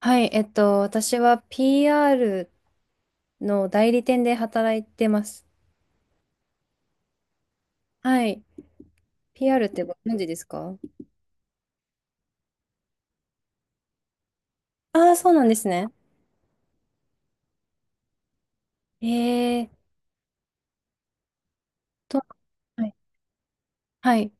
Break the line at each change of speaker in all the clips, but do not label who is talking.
はい、私は PR の代理店で働いてます。はい。PR ってご存知ですか？ああー、そうなんですね。えーと、はい、はい、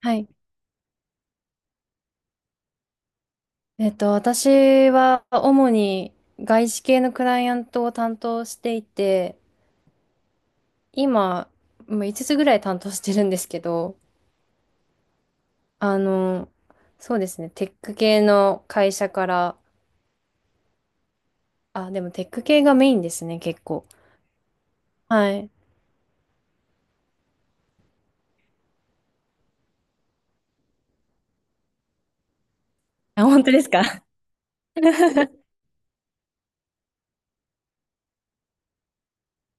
はい。私は主に外資系のクライアントを担当していて、今、もう5つぐらい担当してるんですけど、あの、そうですね、テック系の会社から、あ、でもテック系がメインですね、結構。はい。あ、本当ですか？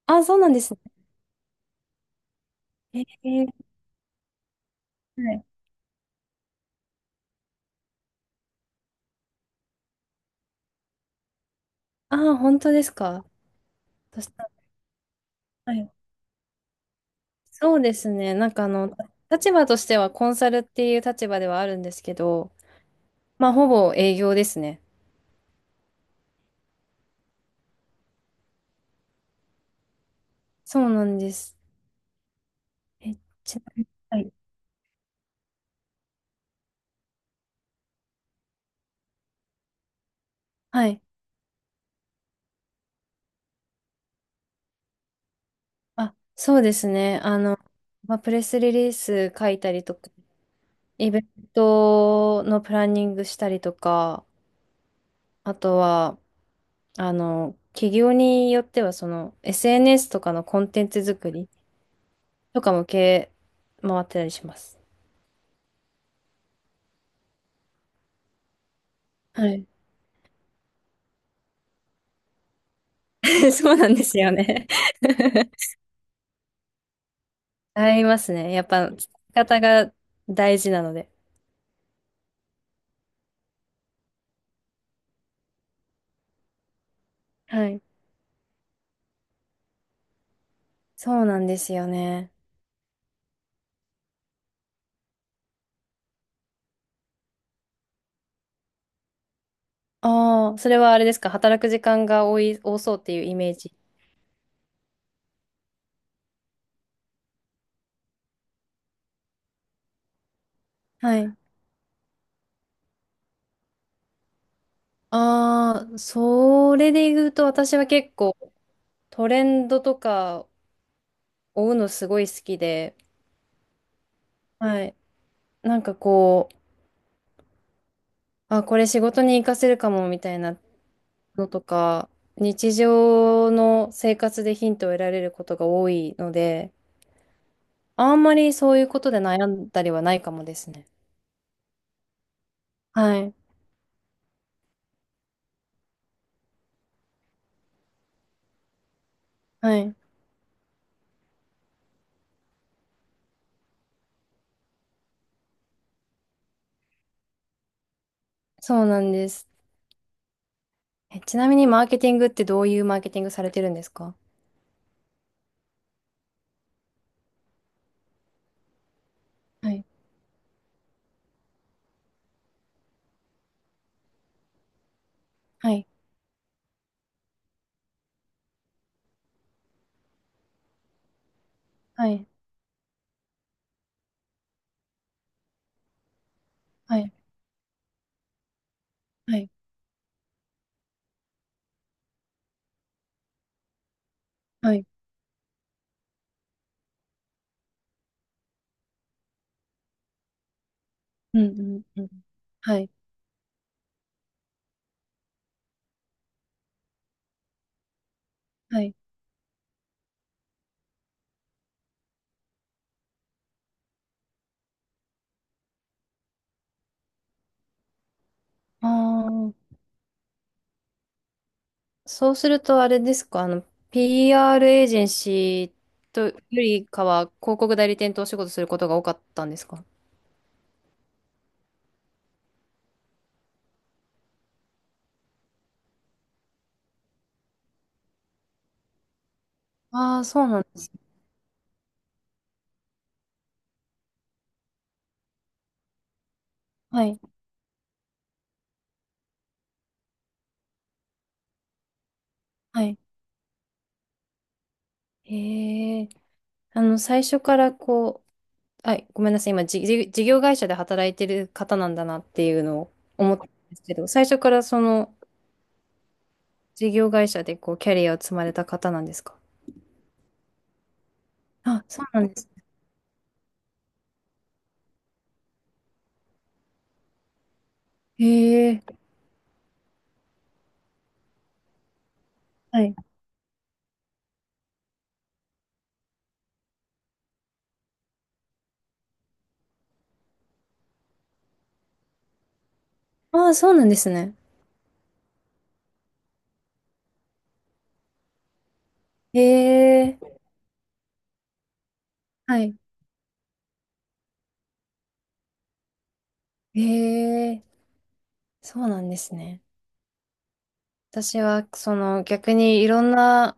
あ、そうなんですね。はい。あー、本当ですか。そしたらはい。そうですね。なんか立場としてはコンサルっていう立場ではあるんですけど、まあ、ほぼ営業ですね。そうなんです。え、ちなみに、はい。はい。あ、そうですね。まあ、プレスリリース書いたりとか、イベントのプランニングしたりとか、あとは、企業によっては、SNS とかのコンテンツ作り、とかも系回ってたりします。はい。そうなんですよね。ありますね。やっぱ、使い方が大事なので。はい。そうなんですよね。ああ、それはあれですか。働く時間が多い、多そうっていうイメージ。はい。ああ、それで言うと私は結構トレンドとか追うのすごい好きで、はい。なんかあ、これ仕事に活かせるかもみたいなのとか、日常の生活でヒントを得られることが多いので、あんまりそういうことで悩んだりはないかもですね。はい。はい。そうなんです。え、ちなみにマーケティングってどういうマーケティングされてるんですか？はい。はい。はい。はい。はい。はい。うんうんうん。はい。はい。ああ、そうするとあれですか、PR エージェンシーとよりかは広告代理店とお仕事することが多かったんですか？ああー、そうなんですはい。はい。へえ。最初からはい、ごめんなさい。今、じ事業会社で働いてる方なんだなっていうのを思ったんですけど、最初からその事業会社でキャリアを積まれた方なんですか？あ、そうなんです。へえ。はい。ああ、そうなんですね。へえ。はい。へえ。そうなんですね。私は、逆にいろんな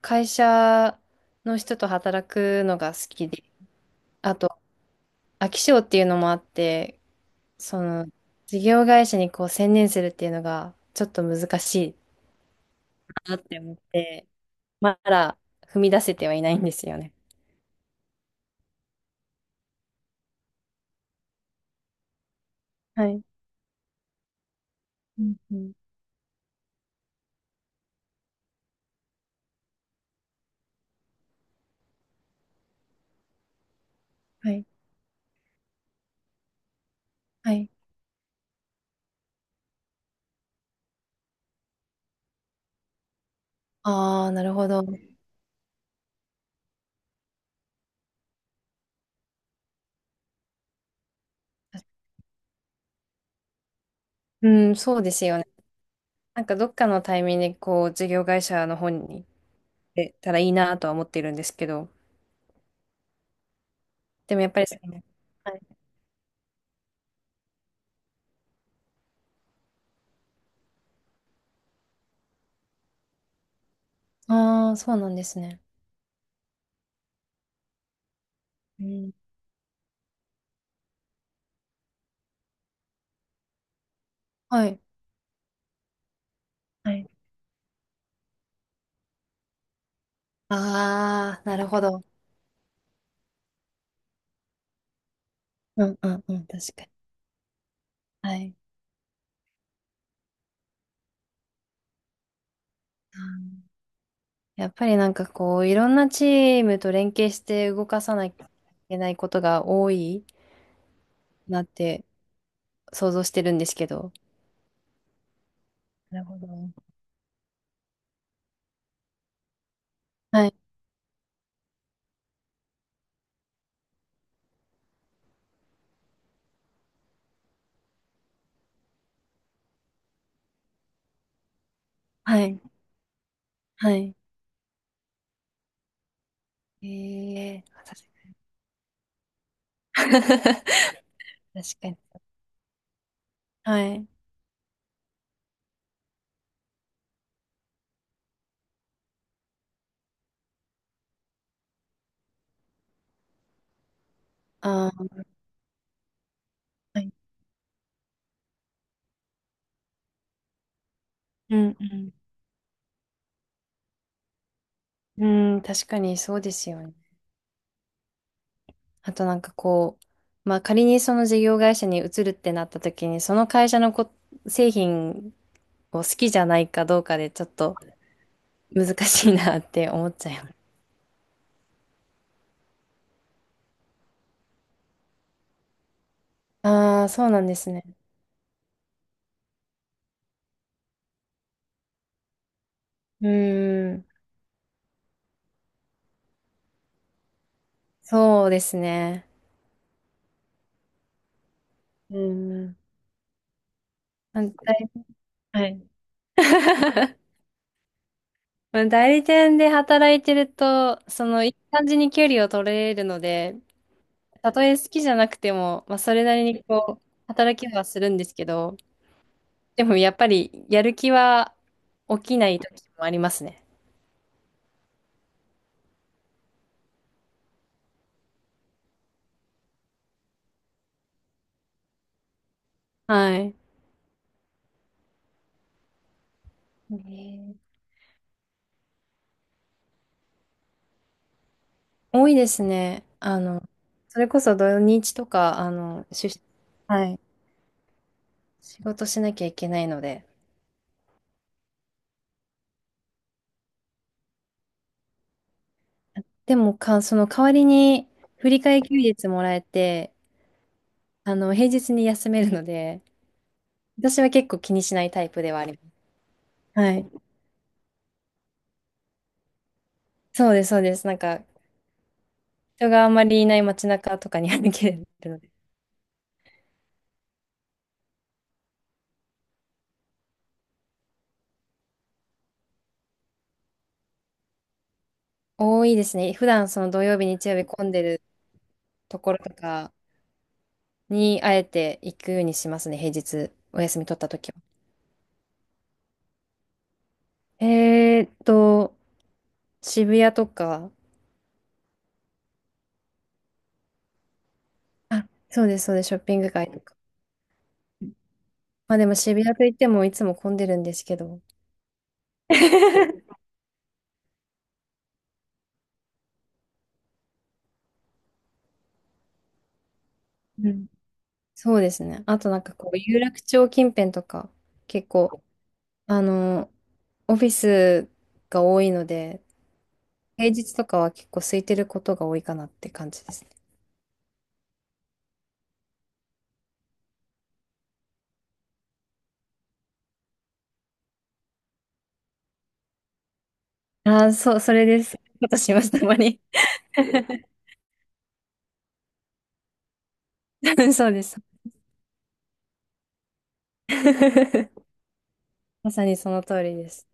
会社の人と働くのが好きで、あと、飽き性っていうのもあって、その、事業会社にこう専念するっていうのが、ちょっと難しいなって思って、まだ踏み出せてはいないんですよね。はい。うんうん。はい。はい。ああ、なるほど。うん、そうですよね。なんかどっかのタイミングでこう、事業会社の方に行ってたらいいなとは思ってるんですけど、でもやっぱりはい。ああ、そうなんですね。うん。はい。はい。ああ、なるほど。うんうんうん、確かに。はい。あー、やっぱりなんかいろんなチームと連携して動かさなきゃいけないことが多いなって想像してるんですけど。なるほど。はい、はい、はい。えー、確かに。確かに。はい。あー、はい。うん、うん。うん、確かにそうですよね。あとなんかまあ仮にその事業会社に移るってなった時に、その会社の製品を好きじゃないかどうかでちょっと難しいなって思っちゃいああ、そうなんですね。うーん、そうですね。うーん。ああはい。まあ代理店で働いてると、いい感じに距離を取れるので、たとえ好きじゃなくても、まあ、それなりにこう、働きはするんですけど、でもやっぱり、やる気は起きない時もありますね。はい。ね、多いですね。それこそ土日とか、はい。仕事しなきゃいけないので。でもか、その代わりに、振り替え休日もらえて、平日に休めるので、私は結構気にしないタイプではあります。はい。そうです、そうです。なんか、人があんまりいない街中とかに歩けるので。多いですね。普段その土曜日、日曜日混んでるところとかに、あえて行くようにしますね、平日、お休み取った時は。えーっと、渋谷とか、あ、そうです、そうです、ショッピング街とか。まあでも渋谷といってもいつも混んでるんですけど。うん、そうですね。あとなんか有楽町近辺とか、結構、あの、オフィスが多いので、平日とかは結構空いてることが多いかなって感じですね。ああ、そう、それです。ことします、たまに。そうです。まさにその通りです。